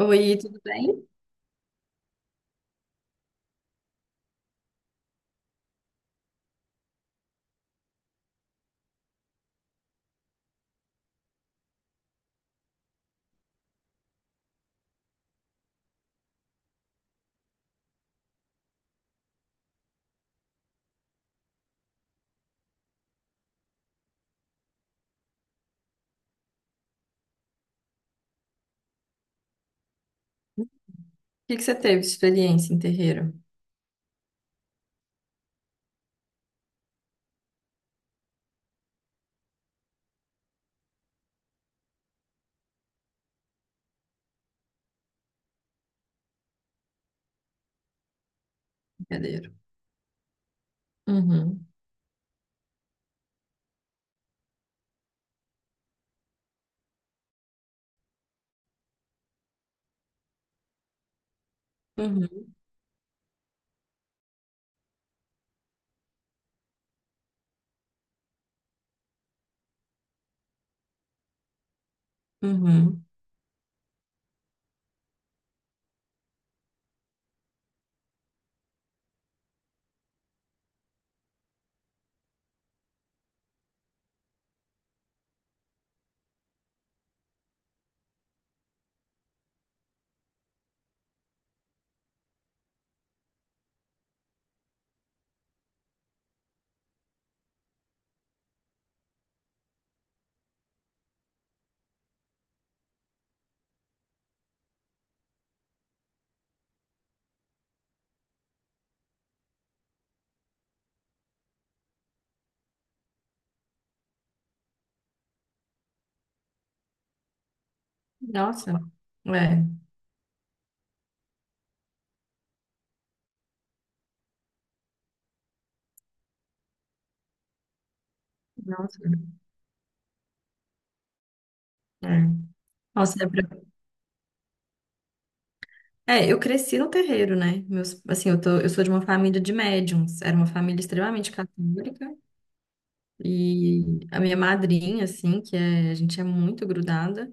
Oi, tudo bem? O que que você teve de experiência em terreiro? Brincadeira. Uhum, uhum, uhum. Nossa, é, nossa, é. Nossa, é, é, eu cresci no terreiro, né? Meus, assim, eu tô, eu sou de uma família de médiums, era uma família extremamente católica, e a minha madrinha, assim, que é, a gente é muito grudada,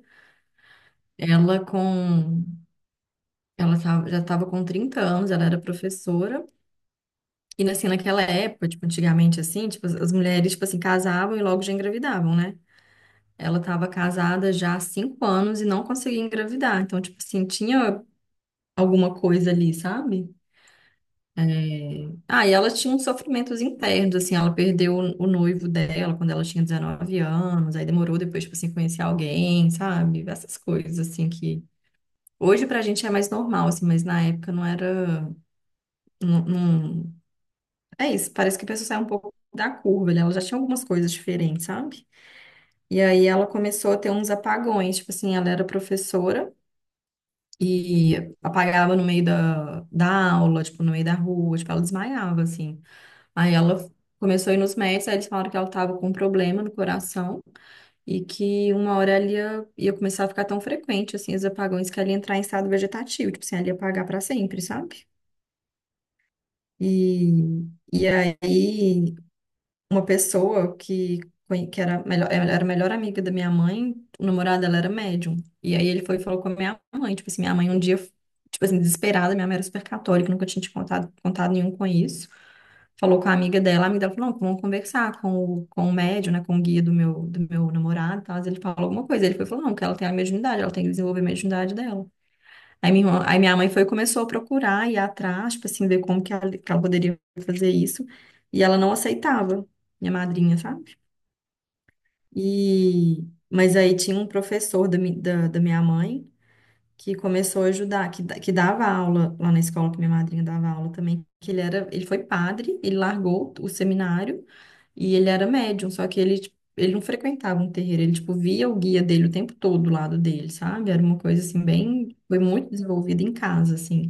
ela com, ela tava- já estava com 30 anos, ela era professora. E assim, naquela época, tipo, antigamente assim, tipo, as mulheres, tipo assim, casavam e logo já engravidavam, né? Ela estava casada já há 5 anos e não conseguia engravidar. Então, tipo assim, tinha alguma coisa ali, sabe? É. Ah, e ela tinha uns sofrimentos internos, assim, ela perdeu o noivo dela quando ela tinha 19 anos, aí demorou depois, tipo assim, conhecer alguém, sabe? Essas coisas, assim, que hoje pra gente é mais normal, assim, mas na época não era, não, é isso, parece que a pessoa sai um pouco da curva, né? Ela já tinha algumas coisas diferentes, sabe? E aí ela começou a ter uns apagões, tipo assim, ela era professora e apagava no meio da aula, tipo, no meio da rua, tipo, ela desmaiava, assim. Aí ela começou a ir nos médicos, aí eles falaram que ela tava com um problema no coração e que uma hora ela ia, ia começar a ficar tão frequente, assim, os apagões, que ela ia entrar em estado vegetativo, tipo assim, ela ia apagar pra sempre, sabe? E, e aí uma pessoa que, que era, melhor, ela era a melhor amiga da minha mãe, o namorado dela era médium. E aí ele foi e falou com a minha mãe, tipo assim, minha mãe um dia, tipo assim, desesperada, minha mãe era super católica, nunca tinha te contado nenhum com isso. Falou com a amiga dela falou, não, vamos conversar com com o médium, né, com o guia do meu namorado, e tal. Mas ele falou alguma coisa, ele foi e falou, não, que ela tem a mediunidade, ela tem que desenvolver a mediunidade dela. Aí minha mãe foi e começou a procurar, ir atrás, tipo assim, ver como que ela poderia fazer isso. E ela não aceitava, minha madrinha, sabe? E, mas aí tinha um professor da minha mãe que começou a ajudar, que, que dava aula lá na escola, que minha madrinha dava aula também, que ele era, ele foi padre, ele largou o seminário e ele era médium, só que ele, tipo, ele não frequentava um terreiro, ele, tipo, via o guia dele o tempo todo do lado dele, sabe? Era uma coisa, assim, bem. Foi muito desenvolvida em casa, assim.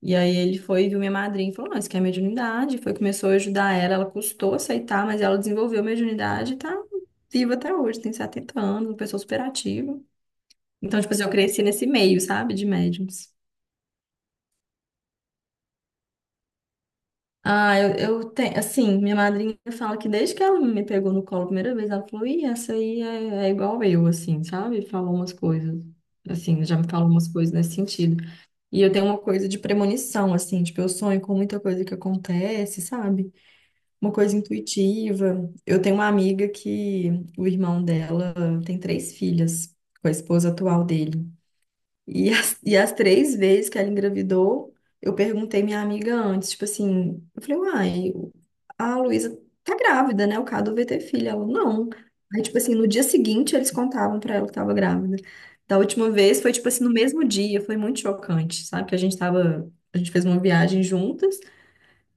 E aí ele foi, viu minha madrinha e falou, não, isso aqui é mediunidade. Foi, começou a ajudar ela, ela custou aceitar, mas ela desenvolveu mediunidade e tá viva até hoje, tem 70 anos, uma pessoa superativa. Então, tipo assim, eu cresci nesse meio, sabe, de médiums. Ah, eu tenho, assim, minha madrinha fala que desde que ela me pegou no colo a primeira vez, ela falou, ih, essa aí é, é igual eu, assim, sabe? Falou umas coisas, assim, já me falou umas coisas nesse sentido. E eu tenho uma coisa de premonição, assim, tipo, eu sonho com muita coisa que acontece, sabe? Uma coisa intuitiva. Eu tenho uma amiga que o irmão dela tem três filhas com a esposa atual dele. E e as três vezes que ela engravidou, eu perguntei minha amiga antes, tipo assim, eu falei, uai, a Luísa tá grávida, né? O Cadu vai ter filha. Ela, não. Aí, tipo assim, no dia seguinte eles contavam pra ela que tava grávida. Da última vez foi, tipo assim, no mesmo dia, foi muito chocante, sabe? Que a gente tava, a gente fez uma viagem juntas.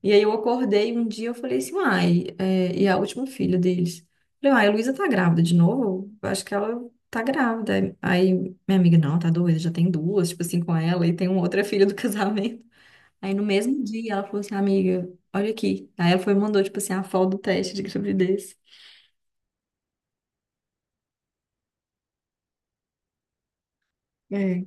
E aí eu acordei um dia, eu falei assim, uai, é, e a última filha deles. Falei, uai, a Luísa tá grávida de novo? Eu acho que ela tá grávida. Aí minha amiga, não, tá doida, já tem duas, tipo assim, com ela, e tem uma outra filha do casamento. Aí no mesmo dia ela falou assim, amiga, olha aqui. Aí ela foi e mandou, tipo assim, a foto do teste de gravidez. É.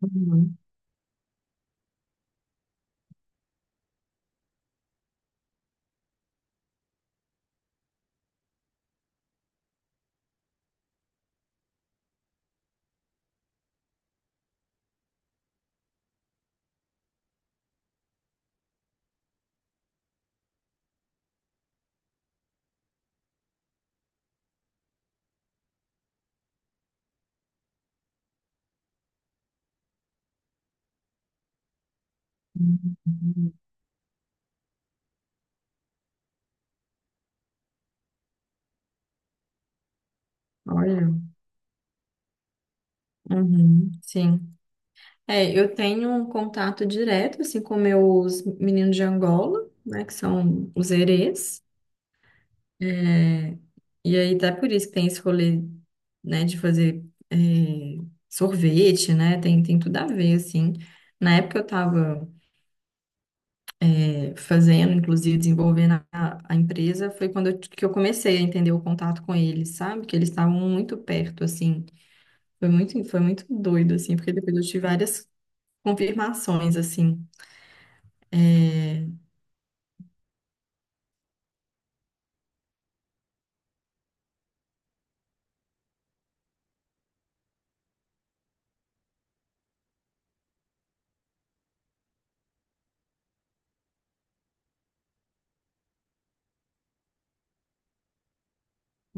Uhum, uhum. Olha, uhum, sim. É, eu tenho um contato direto, assim, com meus meninos de Angola, né, que são os herês. É, e aí, até por isso que tem esse rolê, né, de fazer é, sorvete, né? Tem, tem tudo a ver, assim. Na época eu estava fazendo, inclusive desenvolvendo a empresa, foi quando eu, que eu comecei a entender o contato com eles, sabe? Que eles estavam muito perto, assim. Foi muito doido, assim, porque depois eu tive várias confirmações, assim.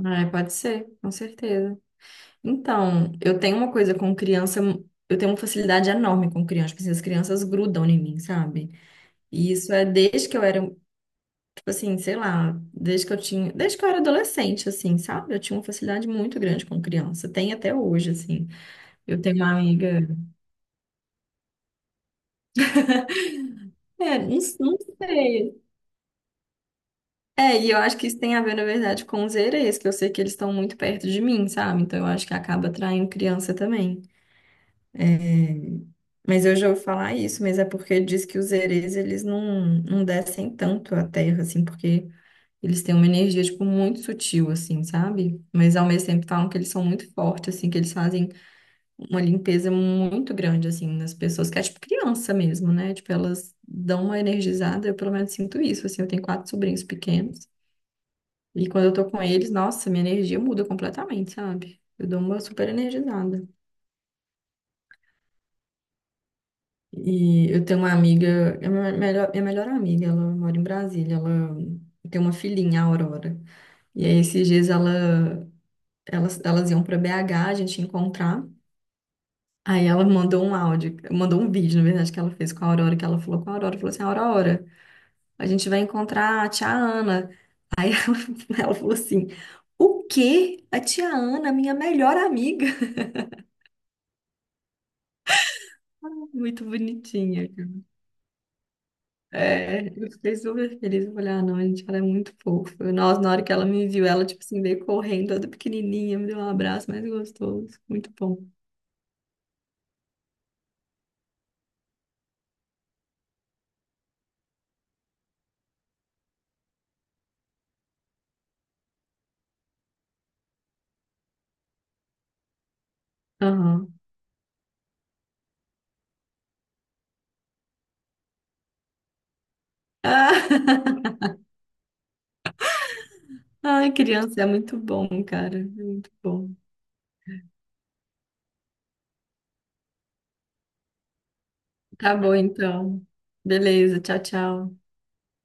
Ah, pode ser, com certeza. Então, eu tenho uma coisa com criança, eu tenho uma facilidade enorme com criança, porque as crianças grudam em mim, sabe? E isso é desde que eu era, tipo assim, sei lá, desde que eu tinha, desde que eu era adolescente, assim, sabe? Eu tinha uma facilidade muito grande com criança, tem até hoje, assim. Eu tenho uma amiga, é, não, não sei. É, e eu acho que isso tem a ver, na verdade, com os erês, que eu sei que eles estão muito perto de mim, sabe? Então eu acho que acaba atraindo criança também. Mas eu já ouvi falar isso, mas é porque diz que os erês, eles não, não descem tanto à terra, assim, porque eles têm uma energia, tipo, muito sutil, assim, sabe? Mas ao mesmo tempo falam que eles são muito fortes, assim, que eles fazem uma limpeza muito grande, assim, nas pessoas, que é tipo criança mesmo, né? Tipo, elas dão uma energizada, eu pelo menos sinto isso, assim, eu tenho quatro sobrinhos pequenos, e quando eu tô com eles, nossa, minha energia muda completamente, sabe? Eu dou uma super energizada. E eu tenho uma amiga, é minha melhor amiga, ela mora em Brasília, ela tem uma filhinha, a Aurora. E aí esses dias ela, elas iam para BH, a gente ia encontrar. Aí ela mandou um áudio, mandou um vídeo, na verdade, que ela fez com a Aurora, que ela falou com a Aurora, falou assim, Aurora, a gente vai encontrar a tia Ana. Ela falou assim, o quê? A tia Ana, minha melhor amiga. Muito bonitinha. É, eu fiquei super feliz. Eu falei, ah, não, gente, ela é muito fofa. Nossa, na hora que ela me viu, ela, tipo assim, veio correndo, toda pequenininha, me deu um abraço mais gostoso. Muito bom. Aham. Ah, Ai, criança, é muito bom, cara. É muito bom. Tá bom, então. Beleza, tchau, tchau.